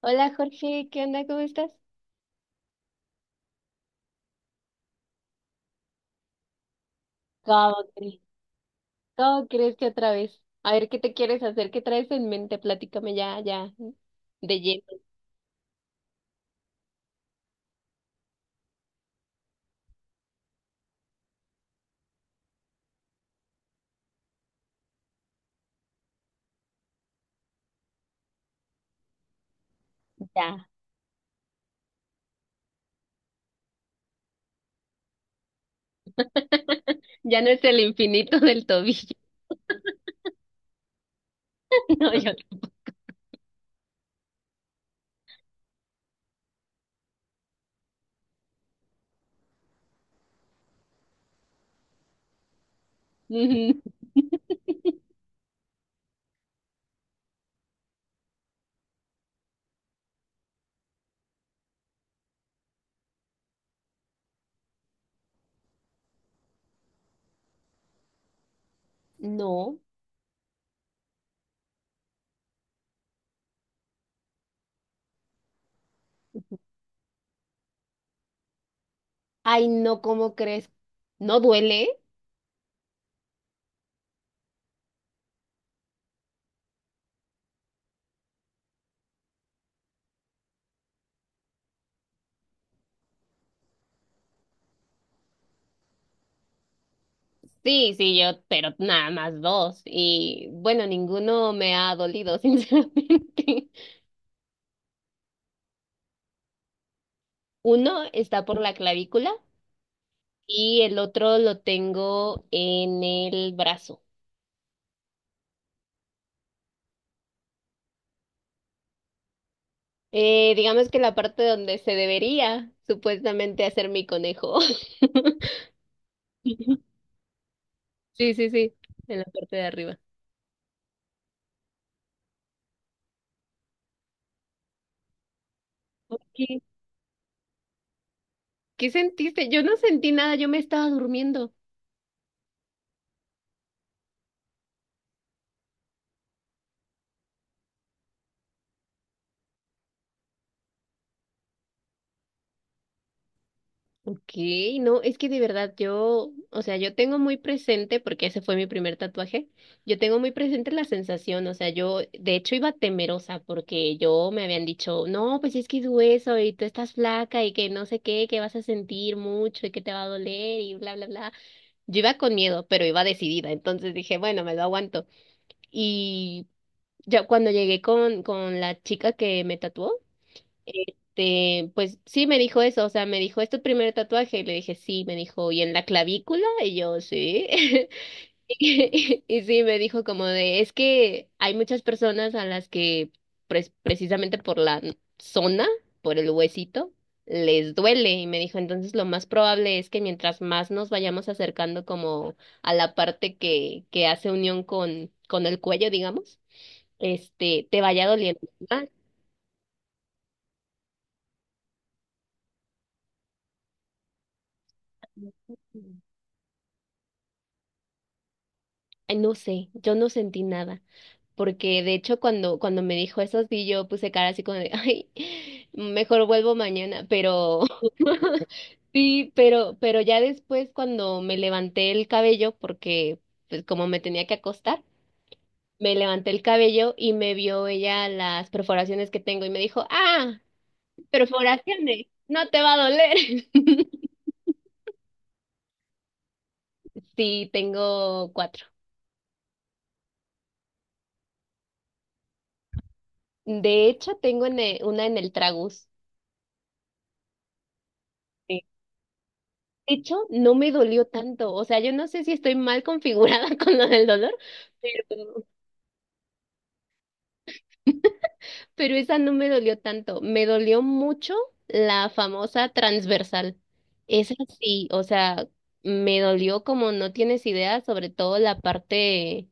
Hola Jorge, ¿qué onda? ¿Cómo estás? ¿Cómo crees? ¿Cómo crees que otra vez? A ver, ¿qué te quieres hacer? ¿Qué traes en mente? Platícame ya, ya, de lleno, ya. Ya no es el infinito del tobillo. No. Ujú. No. Ay, no, ¿cómo crees? ¿No duele? Sí, sí, yo, pero nada más dos. Y bueno, ninguno me ha dolido, sinceramente. Uno está por la clavícula y el otro lo tengo en el brazo. Digamos que la parte donde se debería supuestamente hacer mi conejo. Sí, sí, sí, en la parte de arriba. Ok. ¿Qué sentiste? Yo no sentí nada, yo me estaba durmiendo. Ok, no, es que de verdad yo, o sea, yo tengo muy presente, porque ese fue mi primer tatuaje, yo tengo muy presente la sensación, o sea, yo de hecho iba temerosa porque yo me habían dicho, no, pues es que es hueso y tú estás flaca y que no sé qué, que vas a sentir mucho y que te va a doler y bla, bla, bla. Yo iba con miedo, pero iba decidida, entonces dije, bueno, me lo aguanto. Y ya cuando llegué con, la chica que me tatuó, este, pues sí me dijo eso, o sea, me dijo, ¿es tu primer tatuaje? Y le dije, sí, me dijo, ¿y en la clavícula? Y yo, sí. Y sí, me dijo como de, es que hay muchas personas a las que precisamente por la zona, por el huesito, les duele. Y me dijo, entonces lo más probable es que mientras más nos vayamos acercando como a la parte que hace unión con el cuello, digamos, este, te vaya doliendo más. Ay, no sé, yo no sentí nada. Porque de hecho cuando me dijo eso, sí, yo puse cara así como de, ay, mejor vuelvo mañana, pero sí, pero ya después cuando me levanté el cabello, porque pues como me tenía que acostar, me levanté el cabello y me vio ella las perforaciones que tengo y me dijo, ah, perforaciones, no te va a doler. Sí, tengo cuatro. De hecho, tengo una en el tragus. De hecho, no me dolió tanto. O sea, yo no sé si estoy mal configurada con lo del dolor, pero, pero esa no me dolió tanto. Me dolió mucho la famosa transversal. Esa sí, o sea, me dolió como no tienes idea, sobre todo la parte,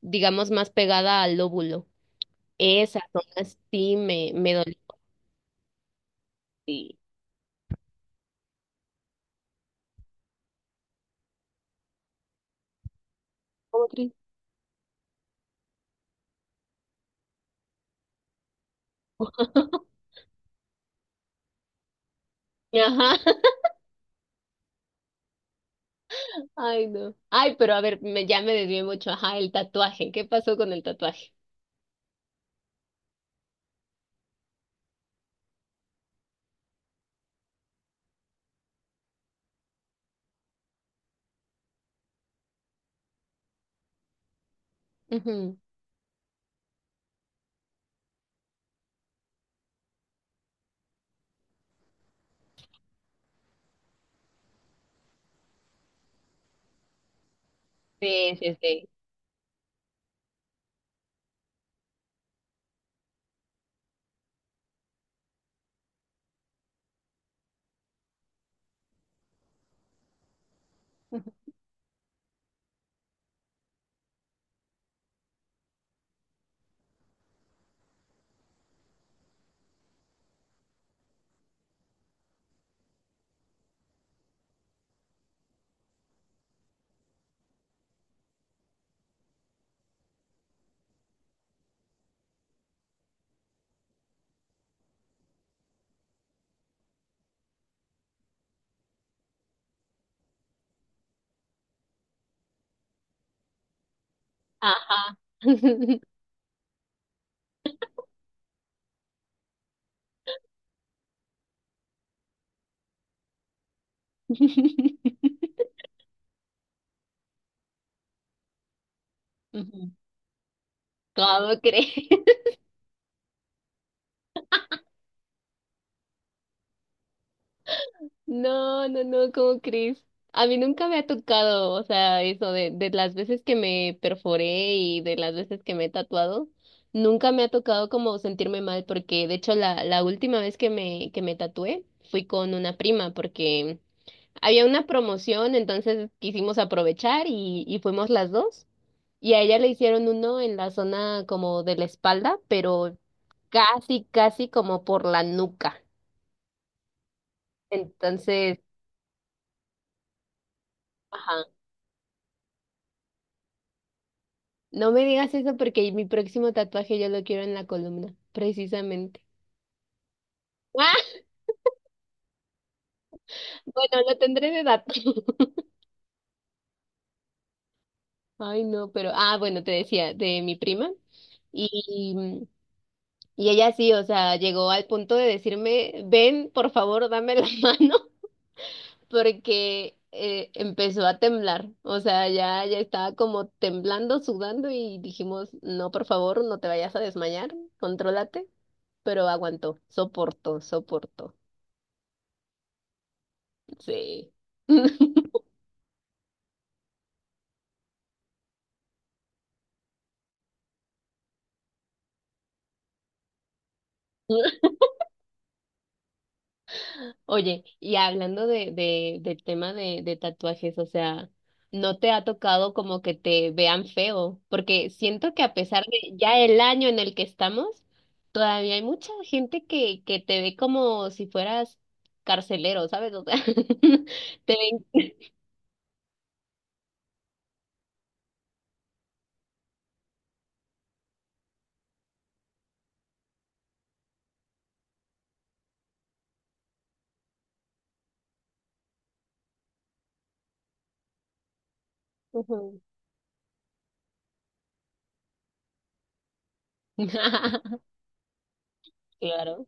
digamos, más pegada al lóbulo. Esa zona sí me dolió. Sí. ¿Cómo crees? Ajá. Ay, no. Ay, pero a ver, ya me desvié mucho. Ajá, el tatuaje. ¿Qué pasó con el tatuaje? Ujú. Sí, sí, sí. Ajá. Ujú. ¿Cómo crees? No, no, no, ¿cómo crees? A mí nunca me ha tocado, o sea, eso de las veces que me perforé y de las veces que me he tatuado, nunca me ha tocado como sentirme mal, porque de hecho la última vez que me tatué fui con una prima, porque había una promoción, entonces quisimos aprovechar y fuimos las dos. Y a ella le hicieron uno en la zona como de la espalda, pero casi, casi como por la nuca. Entonces, ajá. No me digas eso porque mi próximo tatuaje yo lo quiero en la columna, precisamente. Ah, bueno, lo tendré de dato. Ay, no, pero, ah, bueno, te decía, de mi prima. Y, y ella sí, o sea, llegó al punto de decirme, ven, por favor, dame la mano. Porque empezó a temblar, o sea, ya, ya estaba como temblando, sudando y dijimos, no, por favor, no te vayas a desmayar, contrólate, pero aguantó, soportó, soportó, sí. Oye, y hablando del tema de tatuajes, o sea, ¿no te ha tocado como que te vean feo? Porque siento que a pesar de ya el año en el que estamos, todavía hay mucha gente que te ve como si fueras carcelero, ¿sabes? O sea, te ven. Ujú. Claro.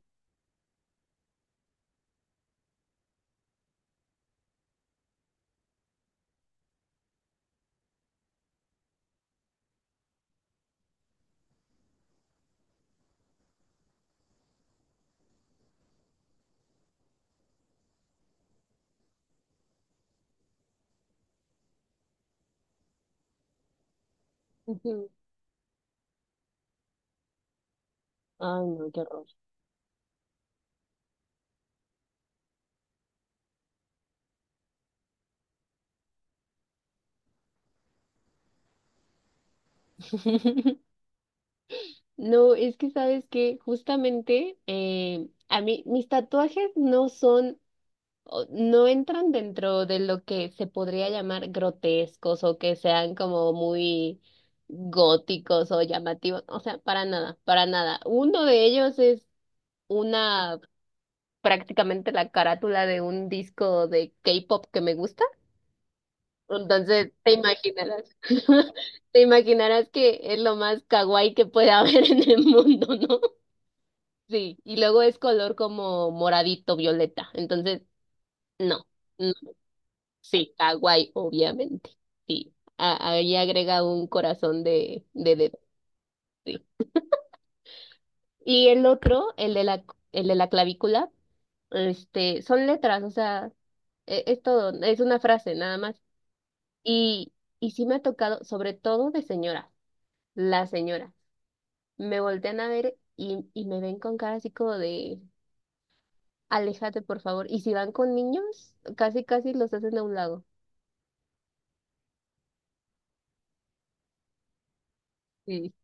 Ujú. Ay, no, qué horror. No, es que sabes que justamente a mí mis tatuajes no entran dentro de lo que se podría llamar grotescos o que sean como muy góticos o llamativos, o sea, para nada, para nada. Uno de ellos es una prácticamente la carátula de un disco de K-pop que me gusta. Entonces, te imaginarás, te imaginarás que es lo más kawaii que puede haber en el mundo, ¿no? Sí, y luego es color como moradito, violeta. Entonces, no. Sí, kawaii, obviamente. Sí, había agregado un corazón de dedo. Sí. Y el otro, el de la clavícula, este, son letras, o sea, es, todo, es una frase nada más. Y, y sí me ha tocado, sobre todo de señora, la señora, me voltean a ver y me ven con cara así como de, aléjate por favor. Y si van con niños, casi, casi los hacen a un lado. Sí.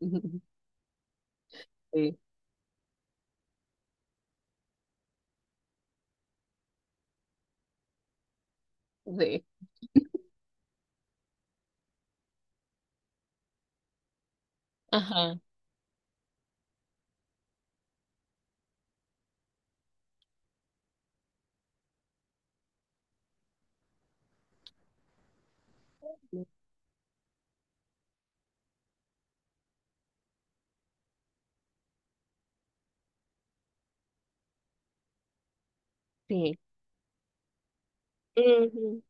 Sí, sí. Ajá. Sí. Ujú.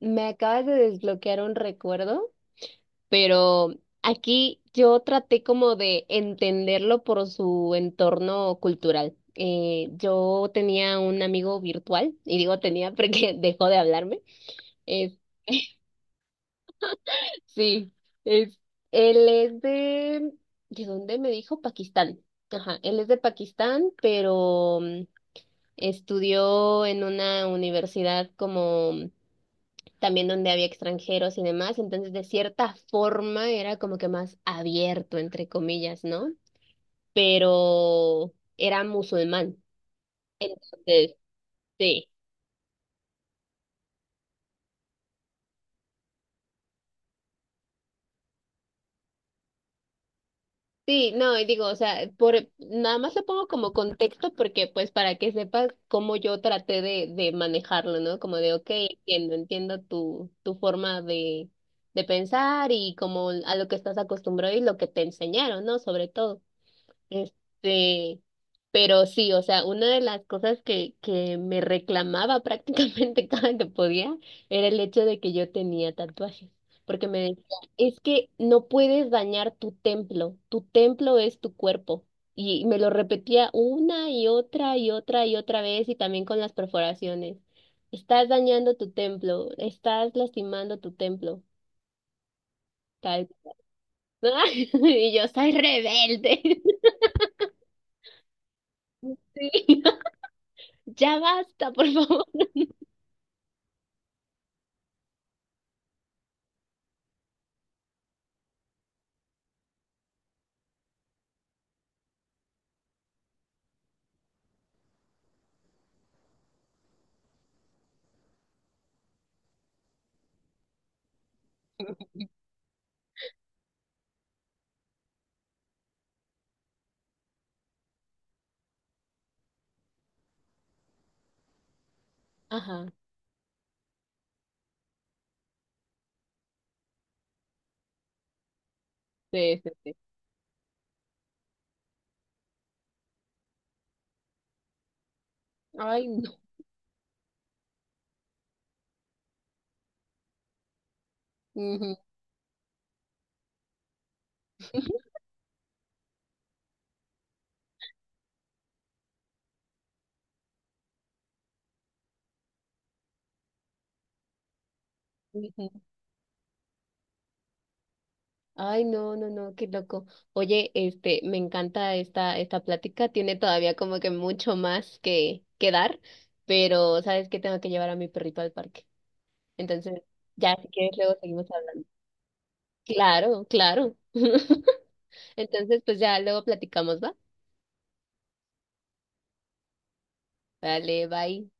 Me acabas de desbloquear un recuerdo, pero aquí yo traté como de entenderlo por su entorno cultural. Yo tenía un amigo virtual, y digo tenía porque dejó de hablarme. Es, sí, es, él es ¿de dónde me dijo? Pakistán. Ajá, él es de Pakistán, pero estudió en una universidad como también donde había extranjeros y demás, entonces de cierta forma era como que más abierto, entre comillas, ¿no? Pero era musulmán, entonces sí. Sí, no, y digo, o sea, por nada más lo pongo como contexto porque pues para que sepas cómo yo traté de manejarlo, ¿no? Como de, ok, entiendo, entiendo tu forma de pensar y como a lo que estás acostumbrado y lo que te enseñaron, ¿no? Sobre todo. Este, pero sí, o sea, una de las cosas que me reclamaba prácticamente cada que podía era el hecho de que yo tenía tatuajes, porque me decía, es que no puedes dañar tu templo es tu cuerpo. Y me lo repetía una y otra y otra y otra vez y también con las perforaciones. Estás dañando tu templo, estás lastimando tu templo, tal. Y yo soy rebelde. Sí. Ya basta, por favor. Ajá, sí, sí, sí. Ay, no. Ujú, ujú. Ay, no, no, no, qué loco. Oye, este, me encanta esta plática. Tiene todavía como que mucho más que dar, pero sabes que tengo que llevar a mi perrito al parque. Entonces, ya si quieres, luego seguimos hablando. Claro, claro. Entonces, pues ya luego platicamos, ¿va? Vale, bye.